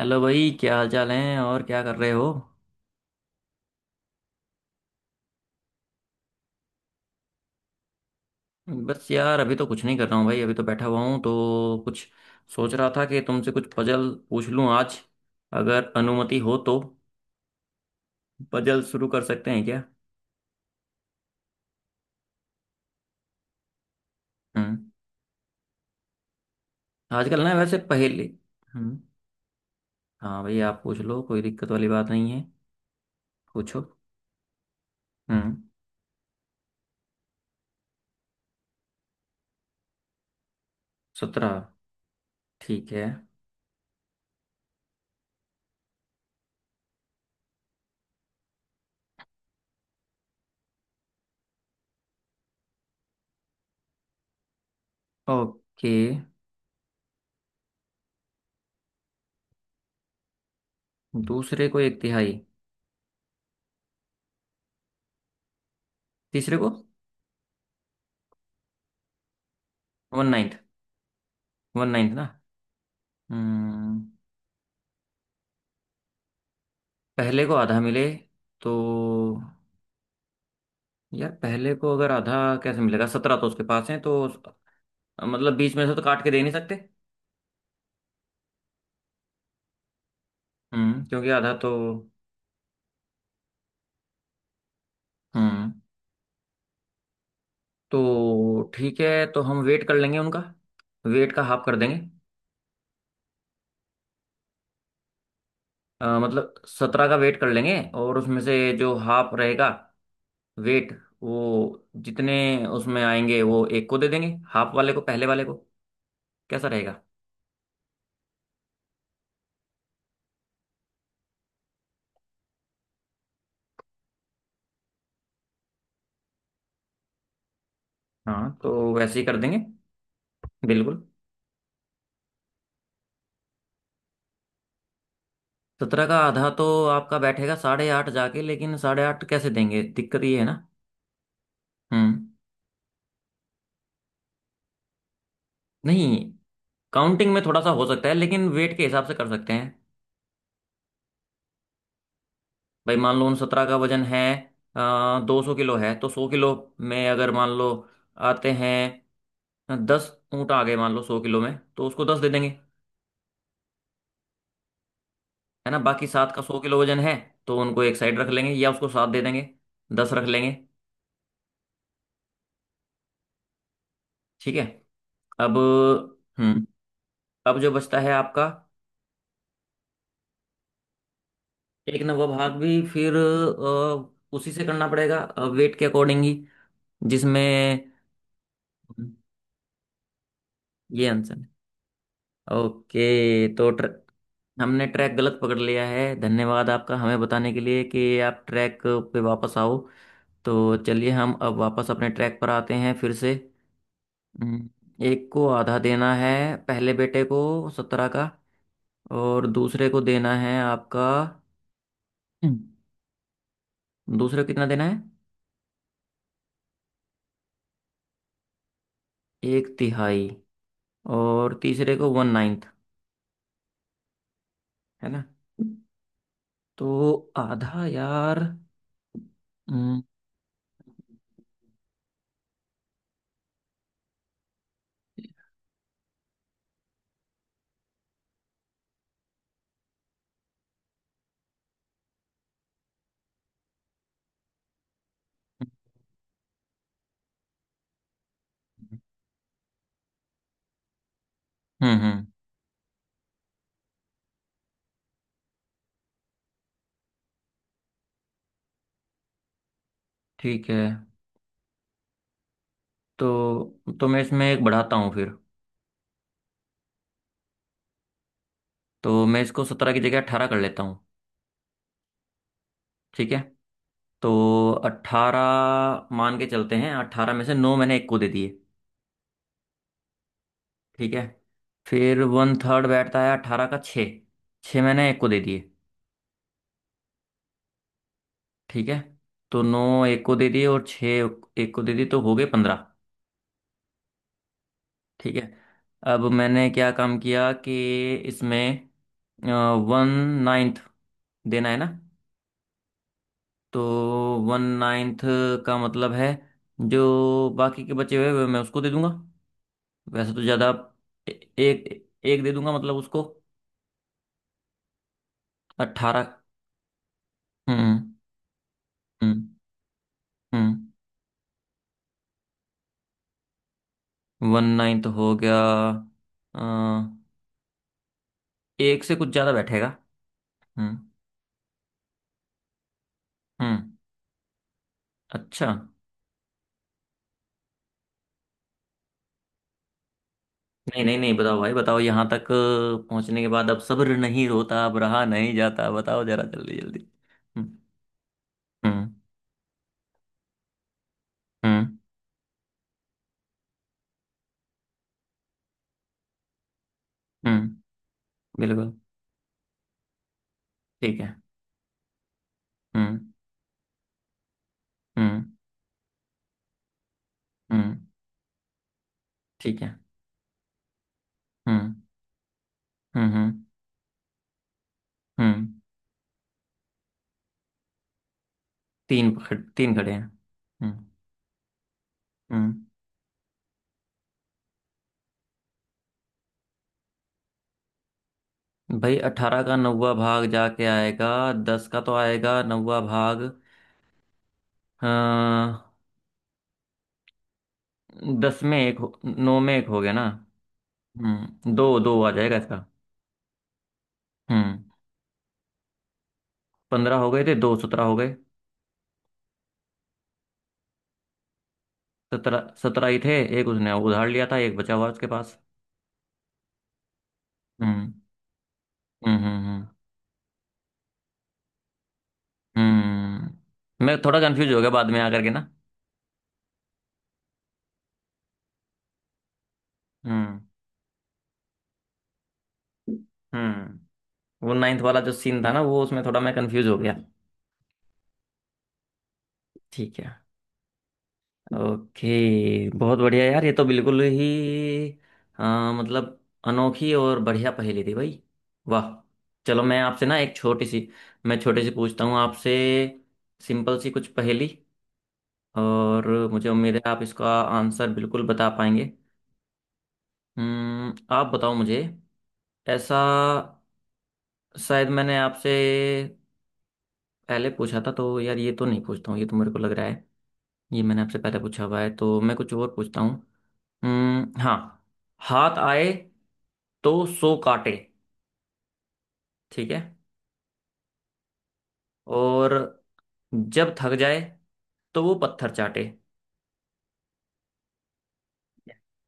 Hello भाई, क्या हाल चाल है और क्या कर रहे हो? बस यार, अभी तो कुछ नहीं कर रहा हूँ भाई। अभी तो बैठा हुआ हूँ तो कुछ सोच रहा था कि तुमसे कुछ पजल पूछ लूँ आज, अगर अनुमति हो तो। पजल शुरू कर सकते हैं क्या? हम्म। आजकल ना, वैसे पहेली। हम्म। हाँ भाई, आप पूछ लो, कोई दिक्कत वाली बात नहीं है। पूछो। हम्म। 17। ठीक है। ओके। दूसरे को एक तिहाई। तीसरे को वन नाइन्थ। वन नाइन्थ ना? हम्म। पहले को आधा मिले तो। यार पहले को अगर आधा कैसे मिलेगा? 17 तो उसके पास है तो मतलब बीच में से तो काट के दे नहीं सकते। क्योंकि आधा तो। हम्म। तो ठीक है, तो हम वेट कर लेंगे उनका, वेट का हाफ कर देंगे। मतलब 17 का वेट कर लेंगे और उसमें से जो हाफ रहेगा वेट, वो जितने उसमें आएंगे वो एक को दे देंगे, हाफ वाले को, पहले वाले को। कैसा रहेगा? हाँ, तो वैसे ही कर देंगे। बिल्कुल। 17 का आधा तो आपका बैठेगा साढ़े आठ जाके, लेकिन साढ़े आठ कैसे देंगे? दिक्कत ये है ना। हम्म। नहीं, काउंटिंग में थोड़ा सा हो सकता है लेकिन वेट के हिसाब से कर सकते हैं। भाई, मान लो उन 17 का वजन है 200 किलो है, तो 100 किलो में अगर मान लो आते हैं 10 ऊँट आ गए मान लो 100 किलो में, तो उसको 10 दे देंगे। है ना, बाकी सात का 100 किलो वजन है, तो उनको एक साइड रख लेंगे या उसको सात दे देंगे, 10 रख लेंगे। ठीक है। अब। हम्म। अब जो बचता है आपका, एक नवा भाग भी फिर उसी से करना पड़ेगा वेट के अकॉर्डिंग ही, जिसमें। ये आंसर है। ओके। तो हमने ट्रैक गलत पकड़ लिया है, धन्यवाद आपका हमें बताने के लिए कि आप ट्रैक पे वापस आओ। तो चलिए हम अब वापस अपने ट्रैक पर आते हैं फिर से। हम्म। एक को आधा देना है, पहले बेटे को 17 का। और दूसरे को देना है आपका। हम्म। दूसरे को कितना देना है? एक तिहाई। और तीसरे को वन नाइन्थ। है ना। तो आधा यार। हम्म। हम्म। हम्म। ठीक है। तो तो मैं इसमें एक बढ़ाता हूँ फिर। तो मैं इसको 17 की जगह 18 कर लेता हूँ। ठीक है। तो अट्ठारह मान के चलते हैं, 18 में से नौ मैंने एक को दे दिए। ठीक है। फिर वन थर्ड बैठता है 18 का छः। छः मैंने एक को दे दिए। ठीक है। तो नौ एक को दे दिए और छः एक को दे दिए तो हो गए 15। ठीक है। अब मैंने क्या काम किया कि इसमें वन नाइन्थ देना है ना। तो वन नाइन्थ का मतलब है जो बाकी के बचे हुए वे मैं उसको दे दूंगा। वैसे तो ज़्यादा। ए- एक एक दे दूंगा मतलब उसको। 18। हम्म। हम्म। हम्म। वन नाइन्थ हो गया। अ, एक से कुछ ज़्यादा बैठेगा। हम्म। हम्म। अच्छा। नहीं, नहीं, नहीं, बताओ भाई, बताओ। यहाँ तक पहुँचने के बाद अब सब्र नहीं रोता, अब रहा नहीं जाता, बताओ जरा जल्दी जल्दी। हम्म। हम्म। हम्म। हम्म। बिल्कुल। ठीक है। हम्म। हम्म। हम्म। ठीक है। हम्म। हम्म। हम्म। हम्म। तीन पकड़ तीन खड़े हैं। हम्म। हम्म। भाई 18 का नौवा भाग जाके आएगा। दस का तो आएगा नौवा भाग। अ, दस में एक हो- नौ में एक हो गया ना। दो दो आ जाएगा इसका। हम्म। पंद्रह हो गए थे, दो, 17 हो गए। 17 सत्रह ही थे। एक उसने उधार लिया था, एक बचा हुआ है उसके पास। हम्म। हम्म। हम्म। हम्म। हम्म। मैं थोड़ा कंफ्यूज हो गया बाद में आकर के ना। हम्म। हम्म। वो नाइन्थ वाला जो सीन था ना, वो उसमें थोड़ा मैं कंफ्यूज हो गया। ठीक है। ओके। बहुत बढ़िया यार, ये तो बिल्कुल ही अ, मतलब अनोखी और बढ़िया पहेली थी भाई। वाह। चलो, मैं आपसे ना एक छोटी सी, मैं छोटी सी पूछता हूँ आपसे। सिंपल सी कुछ पहेली। और मुझे उम्मीद है आप इसका आंसर बिल्कुल बता पाएंगे। आप बताओ मुझे। ऐसा। शायद मैंने आपसे पहले पूछा था तो यार, ये तो नहीं पूछता हूँ, ये तो मेरे को लग रहा है। ये मैंने आपसे पहले पूछा हुआ है तो मैं कुछ और पूछता हूँ। हाँ। हाथ आए तो सो काटे। ठीक है। और जब थक जाए तो वो पत्थर चाटे।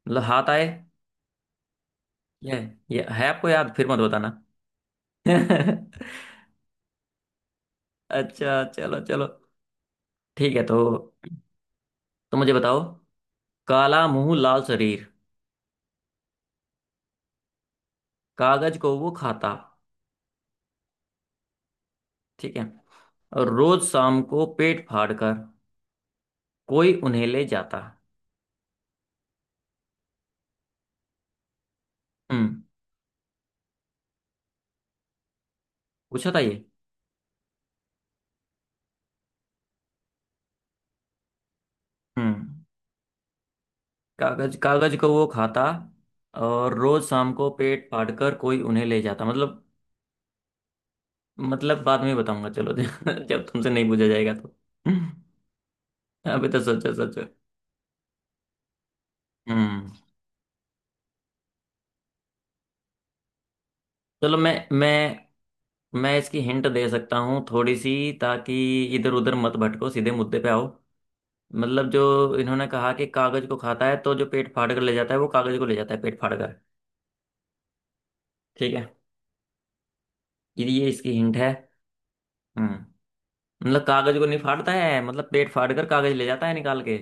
मतलब हाथ आए। ये ये है आपको याद, फिर मत बताना। अच्छा, चलो चलो। ठीक है तो। तो मुझे बताओ। काला मुंह लाल शरीर। कागज को वो खाता। ठीक है। और रोज शाम को पेट फाड़ कर कोई उन्हें ले जाता। हम्म। पूछा था ये? हम्म। कागज कागज को वो खाता। और रोज शाम को पेट फाड़ कर कोई उन्हें ले जाता, मतलब। मतलब बाद में बताऊंगा, चलो। जब तुमसे नहीं पूछा जाएगा तो। अभी तो सोचो सोचो। हम्म। चलो मैं इसकी हिंट दे सकता हूँ थोड़ी सी। ताकि इधर उधर मत भटको, सीधे मुद्दे पे आओ। मतलब जो इन्होंने कहा कि कागज को खाता है, तो जो पेट फाड़ कर ले जाता है, वो कागज को ले जाता है पेट फाड़ कर। ठीक है। ये इसकी हिंट है। हम्म। मतलब कागज को नहीं फाड़ता है, मतलब पेट फाड़ कर कागज ले जाता है निकाल के।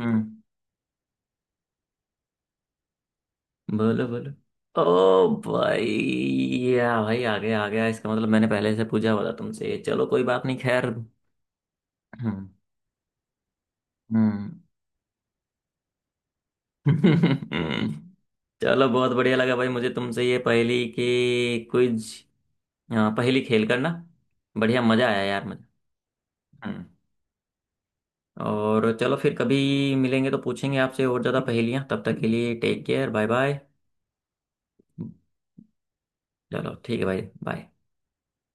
हम्म। बोलो बोलो। ओ भाई। या भाई, आ गया आ गया, इसका मतलब मैंने पहले से पूछा हुआ था तुमसे। चलो कोई बात नहीं, खैर। हम्म। हम्म। चलो, बहुत बढ़िया लगा भाई मुझे तुमसे ये पहेली की क्विज, पहेली खेल करना। बढ़िया मजा आया यार मुझे। हम्म। और चलो, फिर कभी मिलेंगे तो पूछेंगे आपसे और ज़्यादा पहेलियाँ। तब तक के लिए टेक केयर, बाय बाय। चलो ठीक है भाई, बाय।